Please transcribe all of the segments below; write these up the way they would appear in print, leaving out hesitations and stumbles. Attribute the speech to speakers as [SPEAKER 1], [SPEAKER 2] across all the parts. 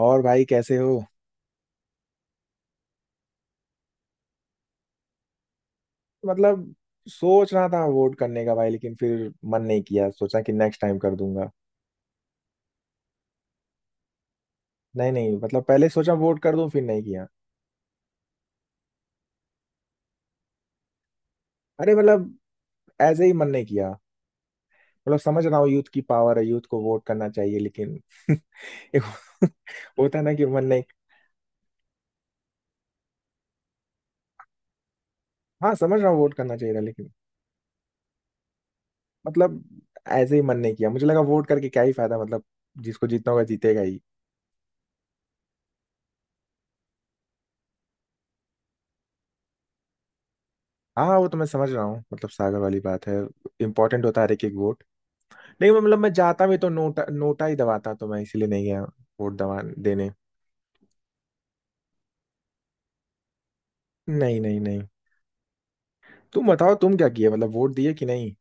[SPEAKER 1] और भाई कैसे हो? मतलब सोच रहा था वोट करने का भाई, लेकिन फिर मन नहीं किया। सोचा कि नेक्स्ट टाइम कर दूंगा। नहीं नहीं, मतलब पहले सोचा वोट कर दूं, फिर नहीं किया। अरे मतलब ऐसे ही मन नहीं किया। मतलब समझ रहा हूँ यूथ की पावर है, यूथ को वोट करना चाहिए, लेकिन एक होता है ना कि मन नहीं। हाँ समझ रहा हूँ वोट करना चाहिए था, लेकिन मतलब ऐसे ही मन नहीं किया। मुझे लगा वोट करके क्या ही फायदा, मतलब जिसको जीतना होगा जीतेगा ही। हाँ, वो तो मैं समझ रहा हूँ, मतलब सागर वाली बात है। इंपॉर्टेंट होता है हर एक एक वोट। नहीं मतलब मैं जाता भी तो नोटा नोटा ही दबाता, तो मैं इसीलिए नहीं गया वोट दबा देने। नहीं नहीं नहीं, तुम बताओ तुम क्या किए, मतलब वोट दिए कि नहीं?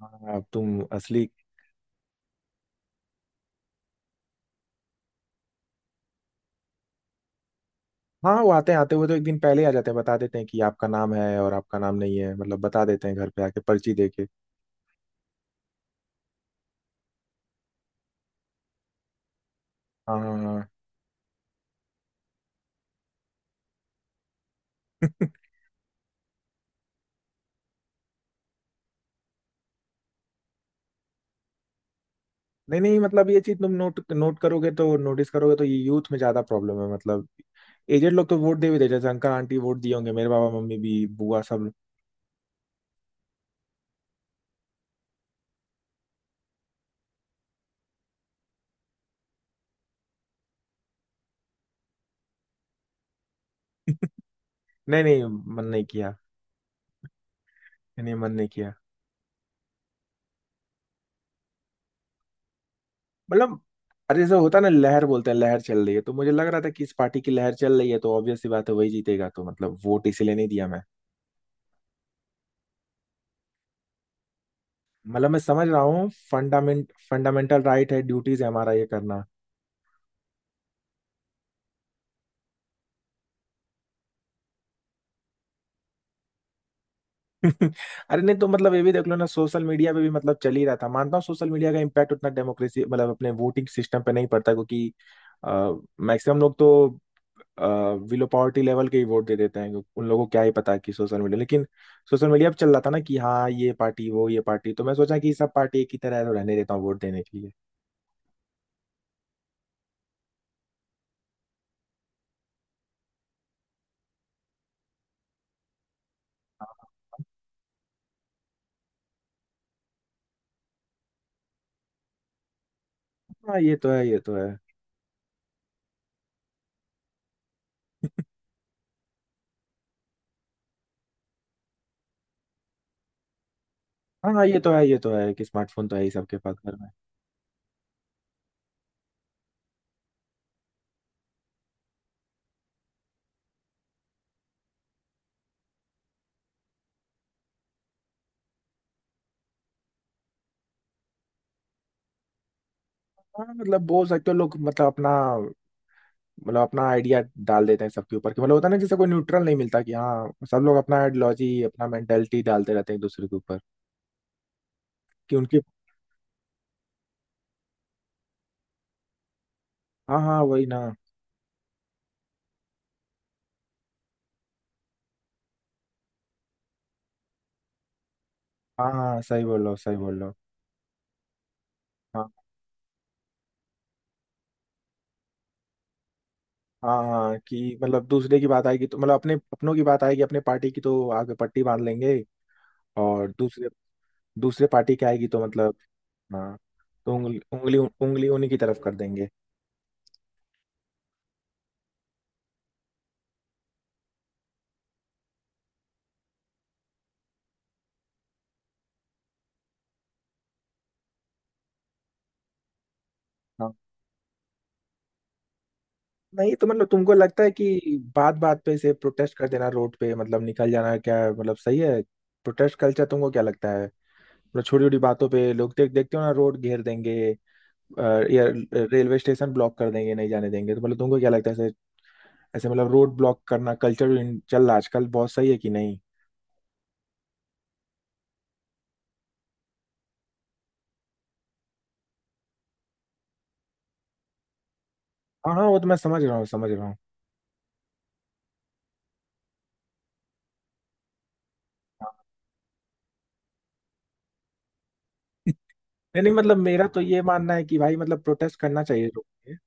[SPEAKER 1] हाँ अब तुम असली। हाँ वो आते आते हुए तो एक दिन पहले ही आ जाते हैं, बता देते हैं कि आपका नाम है और आपका नाम नहीं है, मतलब बता देते हैं घर पे आके पर्ची दे के। हाँ हाँ, हाँ। नहीं नहीं, मतलब ये चीज तुम नोट नोट करोगे तो नोटिस करोगे तो ये यूथ में ज्यादा प्रॉब्लम है। मतलब एजेड लोग तो वोट दे भी देते, जैसे अंकल आंटी वोट दिए होंगे, मेरे बाबा मम्मी भी, बुआ सब। नहीं नहीं, मन नहीं किया। नहीं, मन नहीं किया। मतलब अरे जैसे होता है ना लहर बोलते हैं, लहर चल रही है, तो मुझे लग रहा था कि इस पार्टी की लहर चल रही है, तो ऑब्वियस सी बात है वही जीतेगा, तो मतलब वोट इसीलिए नहीं दिया मैं। मतलब मैं समझ रहा हूँ फंडामेंटल राइट है, ड्यूटीज है हमारा ये करना। अरे नहीं तो, मतलब ये भी देख लो ना सोशल मीडिया पे भी मतलब चल ही रहा था। मानता हूँ सोशल मीडिया का इम्पैक्ट उतना डेमोक्रेसी मतलब अपने वोटिंग सिस्टम पे नहीं पड़ता, क्योंकि मैक्सिमम लोग तो विलो पावर्टी लेवल के ही वोट दे देते हैं, उन लोगों को क्या ही पता कि सोशल मीडिया। लेकिन सोशल मीडिया पे चल रहा था ना कि हाँ ये पार्टी वो ये पार्टी, तो मैं सोचा कि सब पार्टी एक ही तरह है, तो रहने देता हूँ वोट देने के लिए। हाँ ये तो है, ये तो है। हाँ हाँ, ये तो है कि स्मार्टफोन तो है ही सबके पास घर में। हाँ मतलब बोल सकते हो लोग मतलब अपना आइडिया डाल देते हैं सबके ऊपर। कि मतलब होता है ना, जैसे कोई न्यूट्रल नहीं मिलता, कि हाँ सब लोग अपना आइडियोलॉजी अपना मेंटेलिटी डालते रहते हैं एक दूसरे के ऊपर कि उनकी। हाँ हाँ, वही ना। हाँ हाँ, सही बोल रहे हो सही बोल रहे हो। हाँ हाँ हाँ, कि मतलब दूसरे की बात आएगी तो मतलब अपने, अपनों की बात आएगी, अपने पार्टी की तो आगे पट्टी बांध लेंगे, और दूसरे दूसरे पार्टी की आएगी तो मतलब हाँ, तो उंगली उंगली उंगली उन्हीं की तरफ कर देंगे। हाँ। नहीं तो मतलब तुमको लगता है कि बात बात पे से प्रोटेस्ट कर देना रोड पे मतलब निकल जाना क्या है? मतलब सही है? प्रोटेस्ट कल्चर तुमको क्या लगता है, मतलब छोटी छोटी बातों पे लोग देखते हो ना रोड घेर देंगे, अ, या रेलवे स्टेशन ब्लॉक कर देंगे, नहीं जाने देंगे, तो मतलब तुमको क्या लगता है? ऐसे ऐसे मतलब रोड ब्लॉक करना कल्चर चल रहा है आजकल, बहुत सही है कि नहीं? हाँ हाँ, वो तो मैं समझ रहा हूँ समझ रहा हूँ। नहीं नहीं, मतलब मेरा तो ये मानना है कि भाई मतलब प्रोटेस्ट करना चाहिए लोगों को।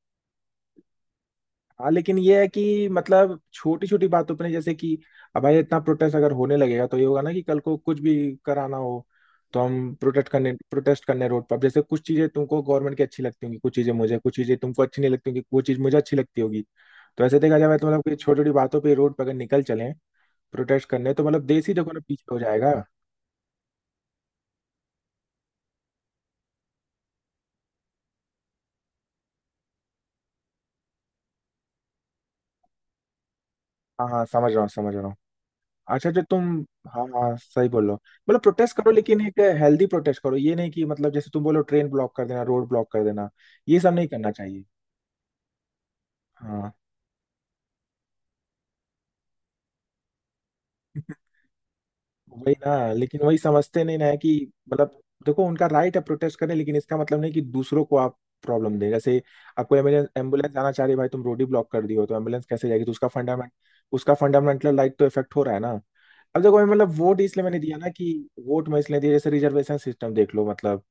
[SPEAKER 1] हाँ, लेकिन ये है कि मतलब छोटी छोटी बातों पर नहीं, जैसे कि अब भाई इतना प्रोटेस्ट अगर होने लगेगा तो ये होगा ना कि कल को कुछ भी कराना हो तो हम प्रोटेस्ट करने रोड पर। अब जैसे कुछ चीजें तुमको गवर्नमेंट की अच्छी लगती होंगी, कुछ चीजें मुझे, कुछ चीजें तुमको अच्छी नहीं लगती होंगी, कुछ चीज मुझे अच्छी लगती होगी। तो ऐसे देखा जाए तो मतलब कि छोटी छोटी बातों पर रोड पर अगर निकल चले प्रोटेस्ट करने, तो मतलब देश ही जो है ना पीछे हो जाएगा। हाँ हाँ, समझ रहा हूँ समझ रहा हूँ। अच्छा जो तुम। हाँ हाँ सही बोलो, मतलब प्रोटेस्ट करो लेकिन एक हेल्दी प्रोटेस्ट करो, ये नहीं कि मतलब जैसे तुम बोलो ट्रेन ब्लॉक कर देना रोड ब्लॉक कर देना, ये सब नहीं करना चाहिए। हाँ। वही ना, लेकिन वही समझते नहीं ना है कि मतलब देखो उनका राइट है प्रोटेस्ट करने, लेकिन इसका मतलब नहीं कि दूसरों को आप प्रॉब्लम दें। जैसे आपको एम्बुलेंस एम्बुलेंस आना चाह रही है, भाई तुम रोड ही ब्लॉक कर दी हो, तो एम्बुलेंस कैसे जाएगी? तो उसका फंडामेंट उसका फंडामेंटल राइट तो इफेक्ट हो रहा है ना। अब देखो मैं मतलब वोट इसलिए मैंने दिया ना कि वोट मैं इसलिए दिया, जैसे रिजर्वेशन सिस्टम देख लो, मतलब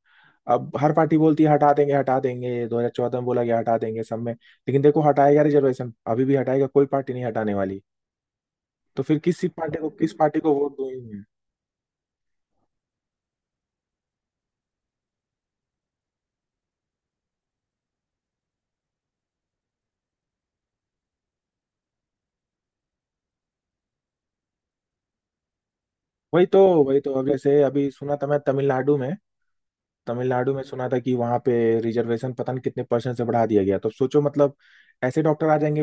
[SPEAKER 1] अब हर पार्टी बोलती है हटा देंगे हटा देंगे, 2014 में बोला गया हटा देंगे, सब में। लेकिन देखो हटाएगा रिजर्वेशन अभी भी, हटाएगा कोई पार्टी नहीं हटाने वाली। तो फिर किस पार्टी को, किस पार्टी को वोट दूंगी मैं? वही तो वही तो, अब जैसे अभी सुना था मैं तमिलनाडु में, तमिलनाडु में सुना था कि वहां पे रिजर्वेशन पता नहीं कितने परसेंट से बढ़ा दिया गया, तो सोचो मतलब ऐसे डॉक्टर आ जाएंगे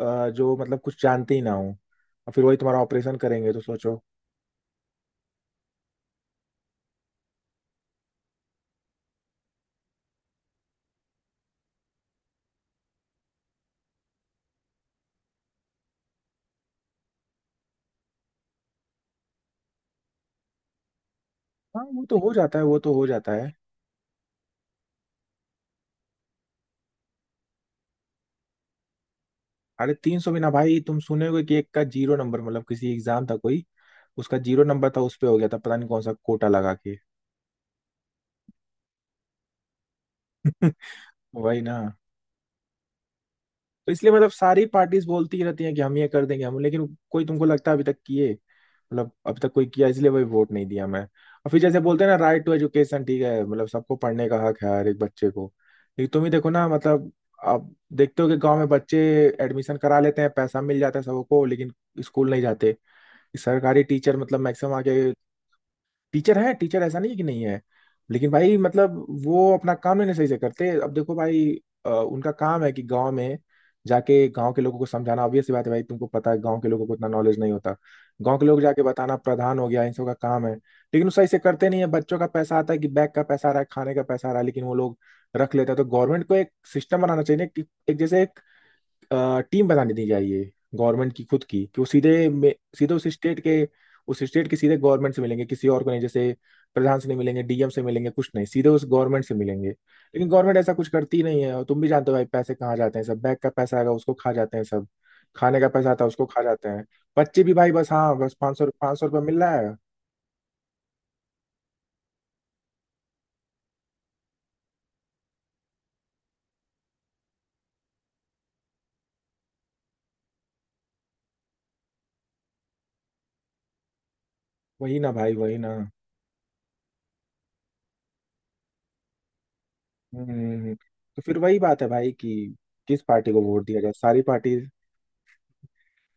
[SPEAKER 1] जो मतलब कुछ जानते ही ना हो, और फिर वही तुम्हारा ऑपरेशन करेंगे, तो सोचो। हाँ वो तो हो जाता है, वो तो हो जाता है। अरे तीन सौ बिना भाई, तुम सुने होगे कि एक का जीरो नंबर, मतलब किसी एग्जाम था कोई, उसका जीरो नंबर था, उस पे हो गया था, पता नहीं कौन सा कोटा लगा के। वही ना, तो इसलिए मतलब सारी पार्टीज बोलती ही रहती हैं कि हम ये कर देंगे हम, लेकिन कोई तुमको लगता है अभी तक किए? मतलब अभी तक कोई किया? इसलिए वही वोट नहीं दिया मैं। और फिर जैसे बोलते हैं ना राइट टू एजुकेशन, ठीक है मतलब सबको पढ़ने का हक है हर एक बच्चे को, लेकिन तुम ही देखो ना मतलब आप देखते हो कि गांव में बच्चे एडमिशन करा लेते हैं, पैसा मिल जाता है सबको, लेकिन स्कूल नहीं जाते। सरकारी टीचर मतलब मैक्सिमम आगे, टीचर है, टीचर ऐसा नहीं है कि नहीं है, लेकिन भाई मतलब वो अपना काम नहीं सही से करते। अब देखो भाई उनका काम है कि गांव में जाके गांव के लोगों को समझाना। ऑब्वियस सी बात है भाई, तुमको पता है गांव के लोगों को उतना नॉलेज नहीं होता। गांव के लोग जाके बताना, प्रधान हो गया, इन सब का काम है, लेकिन वो सही से करते नहीं है। बच्चों का पैसा आता है कि बैग का पैसा आ रहा है, खाने का पैसा आ रहा है, लेकिन वो लोग रख लेता है। तो गवर्नमेंट को एक सिस्टम बनाना चाहिए ना कि एक, जैसे एक टीम बनानी दी चाहिए गवर्नमेंट की खुद की, कि वो सीधे उस स्टेट के, उस स्टेट के सीधे गवर्नमेंट से मिलेंगे, किसी और को नहीं। जैसे प्रधान से नहीं मिलेंगे, डीएम से मिलेंगे कुछ नहीं, सीधे उस गवर्नमेंट से मिलेंगे। लेकिन गवर्नमेंट ऐसा कुछ करती ही नहीं है, और तुम भी जानते हो भाई पैसे कहाँ जाते हैं। सब बैंक का पैसा आएगा उसको खा जाते हैं सब, खाने का पैसा आता है उसको खा जाते हैं। बच्चे भी भाई बस, हाँ बस पाँच सौ रुपये मिल रहा है। वही ना भाई, वही ना। हम्म। तो फिर वही बात है भाई कि किस पार्टी को वोट दिया जाए? सारी पार्टी,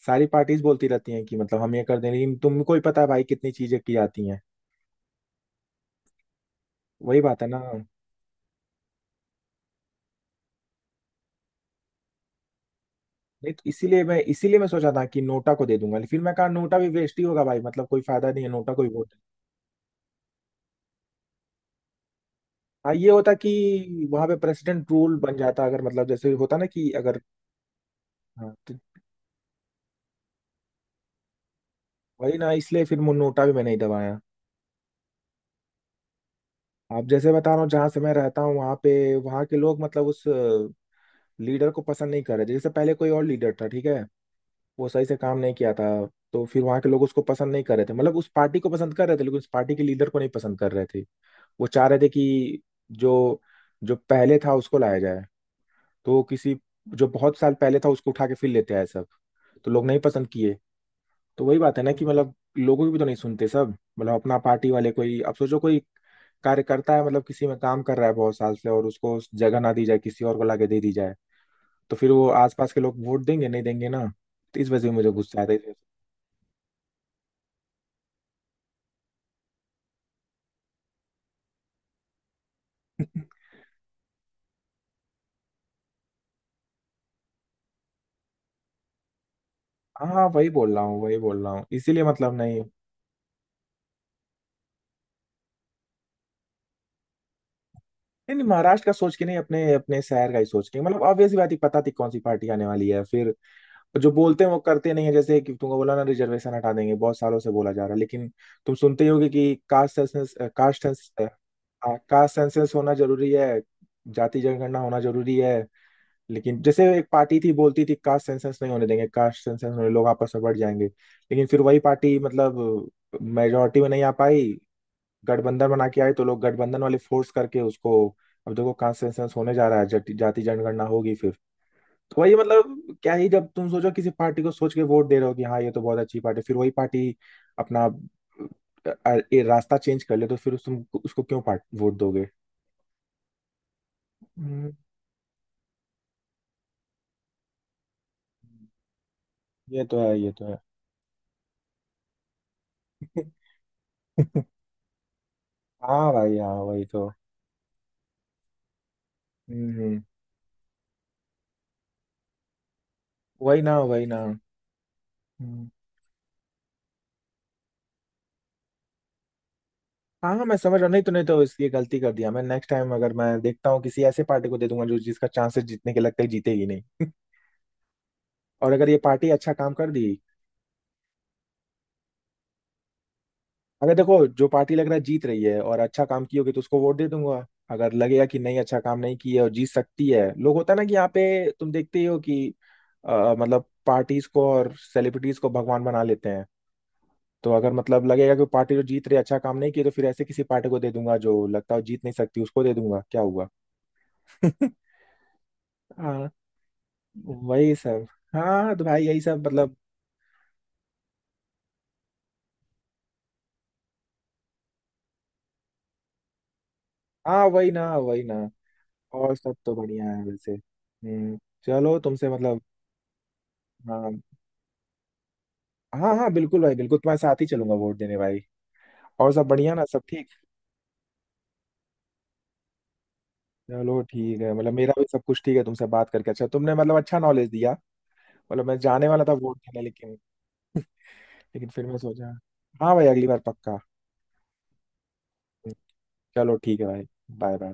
[SPEAKER 1] सारी पार्टीज बोलती रहती हैं कि मतलब हम ये कर दें, लेकिन तुमको ही पता है भाई कितनी चीजें की जाती हैं। वही बात है ना। नहीं तो इसीलिए मैं, इसीलिए मैं सोचा था कि नोटा को दे दूंगा, लेकिन फिर मैं कहा नोटा भी वेस्ट ही होगा भाई, मतलब कोई फायदा नहीं है नोटा को ही वोट। हाँ ये होता कि वहां पे प्रेसिडेंट रूल बन जाता अगर, मतलब जैसे होता ना कि अगर। हाँ तो वही ना, इसलिए फिर नोटा भी मैं नहीं दबाया। आप जैसे बता रहा हूँ, जहाँ से मैं रहता हूँ वहां पे, वहां के लोग मतलब उस लीडर को पसंद नहीं कर रहे थे। जैसे पहले कोई और लीडर था, ठीक है, वो सही से काम नहीं किया था, तो फिर वहां के लोग उसको पसंद नहीं कर रहे थे, मतलब उस पार्टी को पसंद कर रहे थे, लेकिन उस पार्टी के लीडर को नहीं पसंद कर रहे थे। वो चाह रहे थे कि जो जो पहले था उसको लाया जाए। तो वो किसी जो बहुत साल पहले था उसको उठा के फिर लेते आए सब, तो लोग नहीं पसंद किए। तो वही बात है ना कि मतलब लोगों की भी तो नहीं सुनते सब, मतलब अपना पार्टी वाले कोई। अब सोचो कोई कार्यकर्ता है मतलब किसी में काम कर रहा है बहुत साल से, और उसको जगह ना दी जाए, किसी और को लाके दे दी जाए, तो फिर वो आसपास के लोग वोट देंगे नहीं देंगे ना। तो इस वजह से मुझे गुस्सा आता है। हाँ वही बोल रहा हूँ, वही बोल रहा हूँ, इसीलिए मतलब नहीं। नहीं नहीं, महाराष्ट्र का सोच के नहीं, अपने अपने शहर का ही सोच के। मतलब ऑब्वियस बात है पता थी कौन सी पार्टी आने वाली है। फिर जो बोलते हैं वो करते नहीं है, जैसे कि तुमको बोला ना रिजर्वेशन हटा देंगे, बहुत सालों से बोला जा रहा है, लेकिन तुम सुनते ही होगे कि कास्ट सेंसस कास्ट सेंस हाँ, कास्ट सेंसस होना जरूरी है, जाति जनगणना होना जरूरी है। लेकिन जैसे एक पार्टी थी बोलती थी कास्ट सेंसस नहीं होने देंगे, कास्ट सेंसस होने लोग आपस में बढ़ जाएंगे, लेकिन फिर वही पार्टी मतलब मेजोरिटी में नहीं आ पाई, गठबंधन बना के आए, तो लोग गठबंधन वाले फोर्स करके उसको। अब देखो कहाँ सेंसेस होने जा रहा है, जाति जाति जनगणना होगी फिर। तो वही मतलब क्या ही, जब तुम सोचो किसी पार्टी को सोच के वोट दे रहे हो कि हाँ ये तो बहुत अच्छी पार्टी, फिर वही पार्टी अपना ये रास्ता चेंज कर ले, तो फिर उस तुम उसको क्यों पार्ट वोट दोगे? हम्म, ये तो है, ये तो है। हाँ भाई, हाँ वही तो। हम्म, वही ना, वही ना। हाँ हाँ, मैं समझ रहा हूँ, नहीं तो नहीं तो इसकी गलती कर दिया मैं, नेक्स्ट टाइम अगर मैं देखता हूँ किसी ऐसे पार्टी को दे दूंगा जो जिसका चांसेस जीतने के लगता है जीतेगी नहीं। और अगर ये पार्टी अच्छा काम कर दी, अगर देखो जो पार्टी लग रहा है जीत रही है और अच्छा काम की होगी, तो उसको वोट दे दूंगा। अगर लगेगा कि नहीं अच्छा काम नहीं की है और जीत सकती है, लोग होता है ना कि यहाँ पे तुम देखते ही हो कि मतलब पार्टीज को और सेलिब्रिटीज को भगवान बना लेते हैं, तो अगर मतलब लगेगा कि पार्टी जो जीत रही है अच्छा काम नहीं किया, तो फिर ऐसे किसी पार्टी को दे दूंगा जो लगता है जीत नहीं सकती, उसको दे दूंगा क्या हुआ। हाँ वही सब। हाँ तो भाई यही सब मतलब, हाँ वही ना, वही ना। और सब तो बढ़िया है वैसे। हम्म, चलो तुमसे मतलब। हाँ हाँ हाँ, बिल्कुल भाई बिल्कुल, तुम्हारे साथ ही चलूंगा वोट देने भाई। और सब बढ़िया ना, सब ठीक? चलो ठीक है, मतलब मेरा भी सब कुछ ठीक है। तुमसे बात करके अच्छा, तुमने मतलब अच्छा नॉलेज दिया। मतलब मैं जाने वाला था वोट देने लेकिन, लेकिन फिर मैं सोचा। हाँ भाई, अगली बार पक्का। चलो ठीक है भाई। Bye bye.